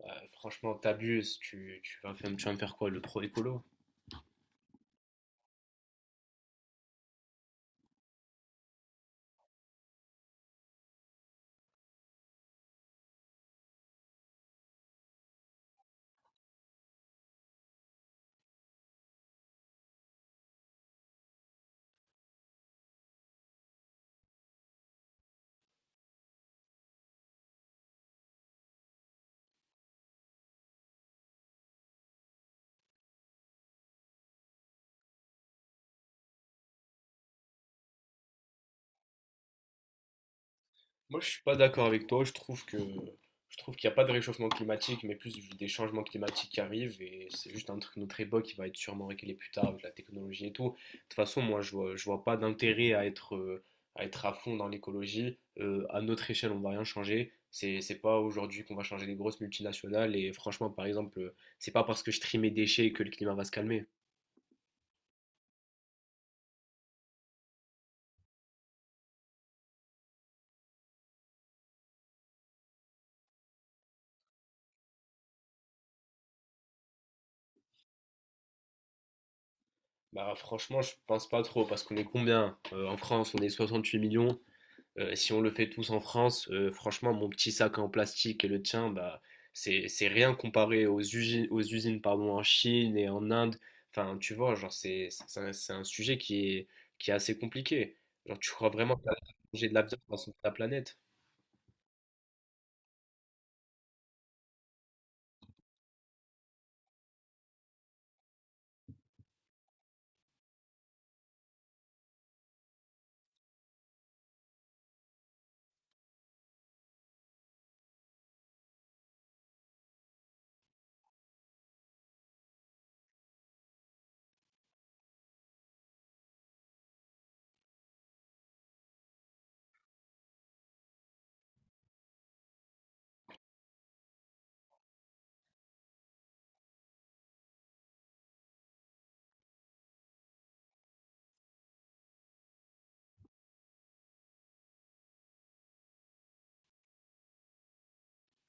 Bah, franchement, t'abuses, tu vas me faire quoi, le pro-écolo? Moi, je suis pas d'accord avec toi, je trouve qu'il n'y a pas de réchauffement climatique, mais plus des changements climatiques qui arrivent, et c'est juste un truc de notre époque qui va être sûrement réglé plus tard avec la technologie et tout. De toute façon, moi, je vois pas d'intérêt à être à fond dans l'écologie. À notre échelle, on va rien changer. C'est pas aujourd'hui qu'on va changer les grosses multinationales, et franchement, par exemple, c'est pas parce que je trie mes déchets que le climat va se calmer. Bah franchement, je pense pas trop parce qu'on est combien? En France, on est 68 millions. Si on le fait tous en France, franchement, mon petit sac en plastique et le tien, bah c'est rien comparé aux usines pardon, en Chine et en Inde. Enfin, tu vois, genre c'est un sujet qui est assez compliqué. Genre, tu crois vraiment que manger de la viande va la planète?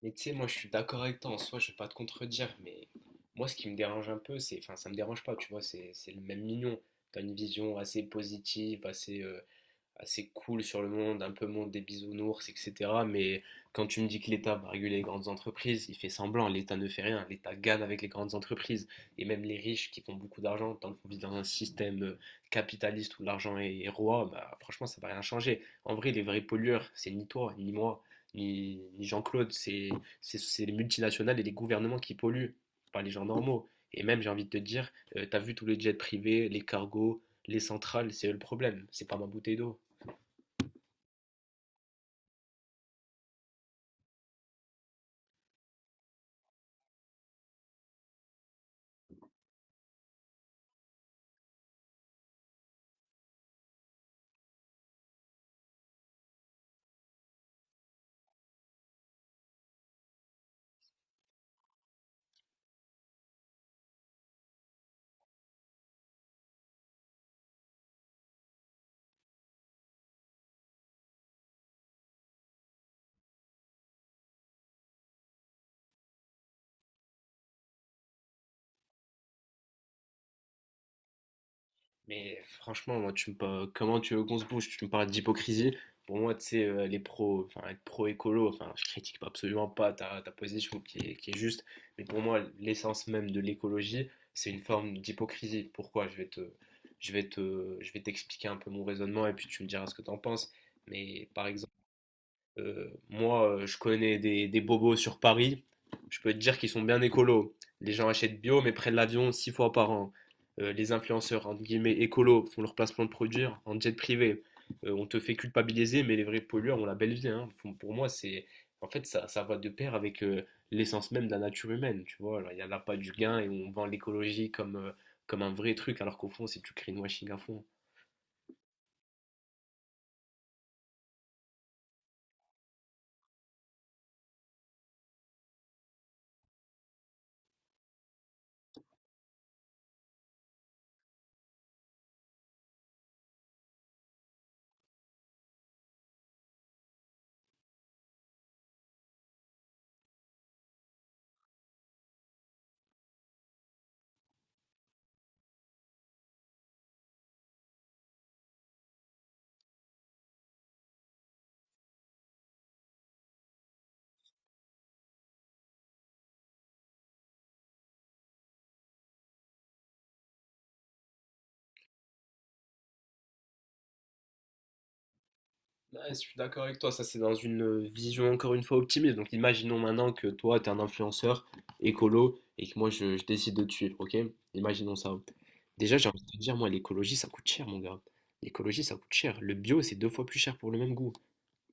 Mais tu sais, moi je suis d'accord avec toi, en soi je vais pas te contredire, mais moi ce qui me dérange un peu, c'est, enfin ça me dérange pas, tu vois, c'est le même mignon. T'as une vision assez positive, assez cool sur le monde, un peu monde des bisounours, etc. Mais quand tu me dis que l'État va réguler les grandes entreprises, il fait semblant, l'État ne fait rien, l'État gagne avec les grandes entreprises. Et même les riches qui font beaucoup d'argent, tant qu'on vit dans un système capitaliste où l'argent est roi, bah, franchement, ça va rien changer. En vrai, les vrais pollueurs, c'est ni toi, ni moi, ni Jean-Claude, c'est les multinationales et les gouvernements qui polluent, pas les gens normaux. Et même, j'ai envie de te dire, t'as vu tous les jets privés, les cargos, les centrales, c'est eux le problème, c'est pas ma bouteille d'eau. Mais franchement, moi, tu me parles- comment tu veux qu'on se bouge? Tu me parles d'hypocrisie. Pour moi, tu sais, enfin, être pro-écolo, enfin, je critique pas- absolument pas ta position qui est juste, mais pour moi, l'essence même de l'écologie, c'est une forme d'hypocrisie. Pourquoi? Je vais t'expliquer un peu mon raisonnement et puis tu me diras ce que t'en penses. Mais par exemple, moi, je connais des bobos sur Paris. Je peux te dire qu'ils sont bien écolos. Les gens achètent bio, mais prennent l'avion 6 fois par an. Les influenceurs, entre guillemets, écolos, font leur placement de produits en jet privé. On te fait culpabiliser, mais les vrais pollueurs ont la belle vie, hein. Pour moi, c'est. En fait, ça va de pair avec l'essence même de la nature humaine, tu vois. Alors, il n'y en a pas du gain et on vend l'écologie comme, comme un vrai truc, alors qu'au fond, c'est du greenwashing à fond. Ouais, je suis d'accord avec toi, ça c'est dans une vision encore une fois optimiste. Donc imaginons maintenant que toi t'es un influenceur écolo et que moi je décide de te suivre, ok? Imaginons ça. Déjà j'ai envie de te dire, moi l'écologie ça coûte cher mon gars. L'écologie ça coûte cher. Le bio c'est deux fois plus cher pour le même goût,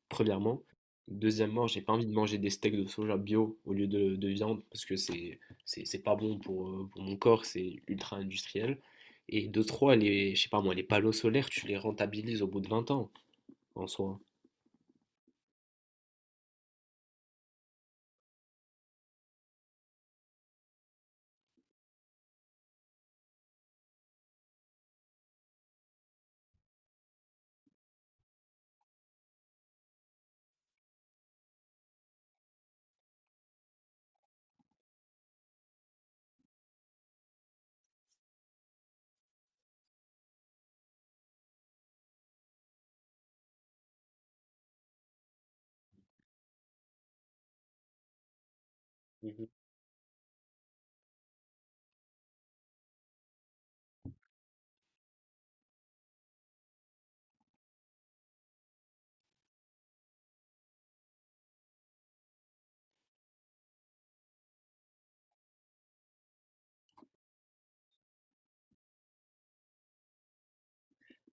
premièrement. Deuxièmement, j'ai pas envie de manger des steaks de soja bio au lieu de viande parce que c'est pas bon pour mon corps, c'est ultra industriel. Et de trois, les, je sais pas moi, les panneaux solaires tu les rentabilises au bout de 20 ans en soi.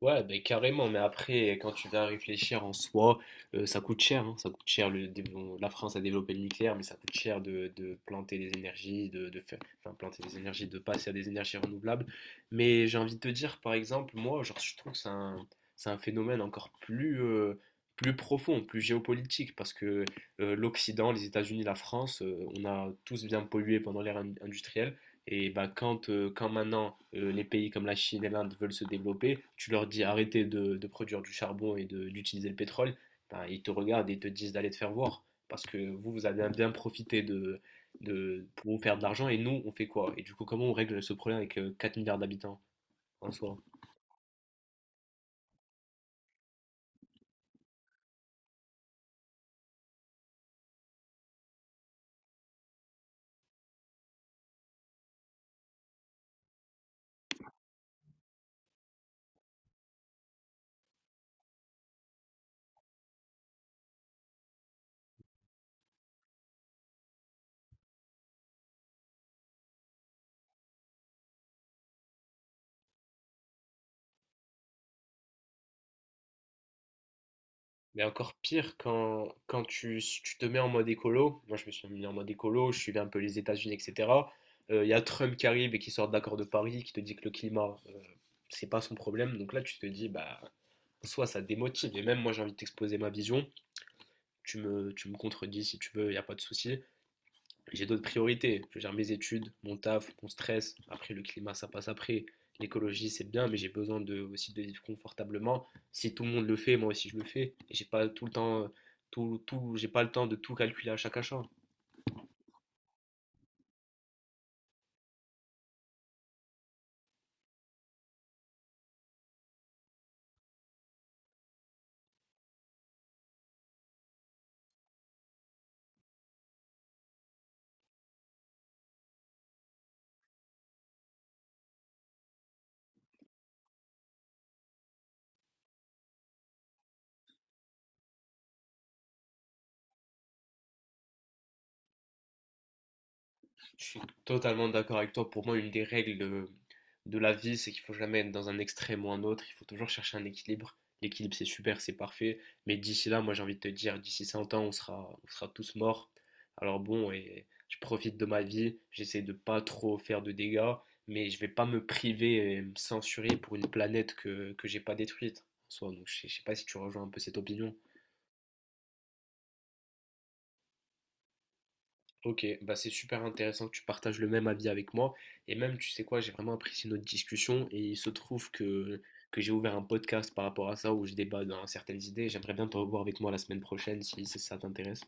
Ouais, ben carrément, mais après, quand tu vas réfléchir en soi, ça coûte cher, hein, ça coûte cher. Le, dé- bon, la France a développé le nucléaire, mais ça coûte cher de planter des énergies, de faire, enfin, planter des énergies, de passer à des énergies renouvelables. Mais j'ai envie de te dire, par exemple, moi, genre, je trouve que c'est un phénomène encore plus, plus profond, plus géopolitique, parce que l'Occident, les États-Unis, la France, on a tous bien pollué pendant l'ère industrielle. Et bah, quand maintenant les pays comme la Chine et l'Inde veulent se développer, tu leur dis arrêtez de produire du charbon et d'utiliser le pétrole, ben, ils te regardent et ils te disent d'aller te faire voir. Parce que vous, vous avez bien profité pour vous faire de l'argent et nous, on fait quoi? Et du coup, comment on règle ce problème avec 4 milliards d'habitants en soi? Mais encore pire quand tu te mets en mode écolo, moi je me suis mis en mode écolo, je suivais un peu les États-Unis, etc. Il y a Trump qui arrive et qui sort de l'accord de Paris, qui te dit que le climat, c'est pas son problème. Donc là tu te dis, bah, soit ça démotive, et même moi j'ai envie de t'exposer ma vision, tu me contredis si tu veux, il n'y a pas de souci, j'ai d'autres priorités. Je gère mes études, mon taf, mon stress. Après, le climat, ça passe après. L'écologie, c'est bien, mais j'ai besoin de, aussi de vivre confortablement. Si tout le monde le fait, moi aussi je le fais. Et j'ai pas tout le temps, j'ai pas le temps de tout calculer à chaque achat. Je suis totalement d'accord avec toi. Pour moi, une des règles de la vie, c'est qu'il faut jamais être dans un extrême ou un autre. Il faut toujours chercher un équilibre. L'équilibre, c'est super, c'est parfait. Mais d'ici là, moi, j'ai envie de te dire, d'ici 100 ans, on sera tous morts. Alors bon, et je profite de ma vie. J'essaie de pas trop faire de dégâts. Mais je vais pas me priver et me censurer pour une planète que j'ai pas détruite en soi. Donc je sais pas si tu rejoins un peu cette opinion. Ok, bah c'est super intéressant que tu partages le même avis avec moi. Et même, tu sais quoi, j'ai vraiment apprécié notre discussion. Et il se trouve que j'ai ouvert un podcast par rapport à ça où je débat dans certaines idées. J'aimerais bien te revoir avec moi la semaine prochaine si ça t'intéresse.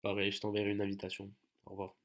Pareil, je t'enverrai une invitation. Au revoir.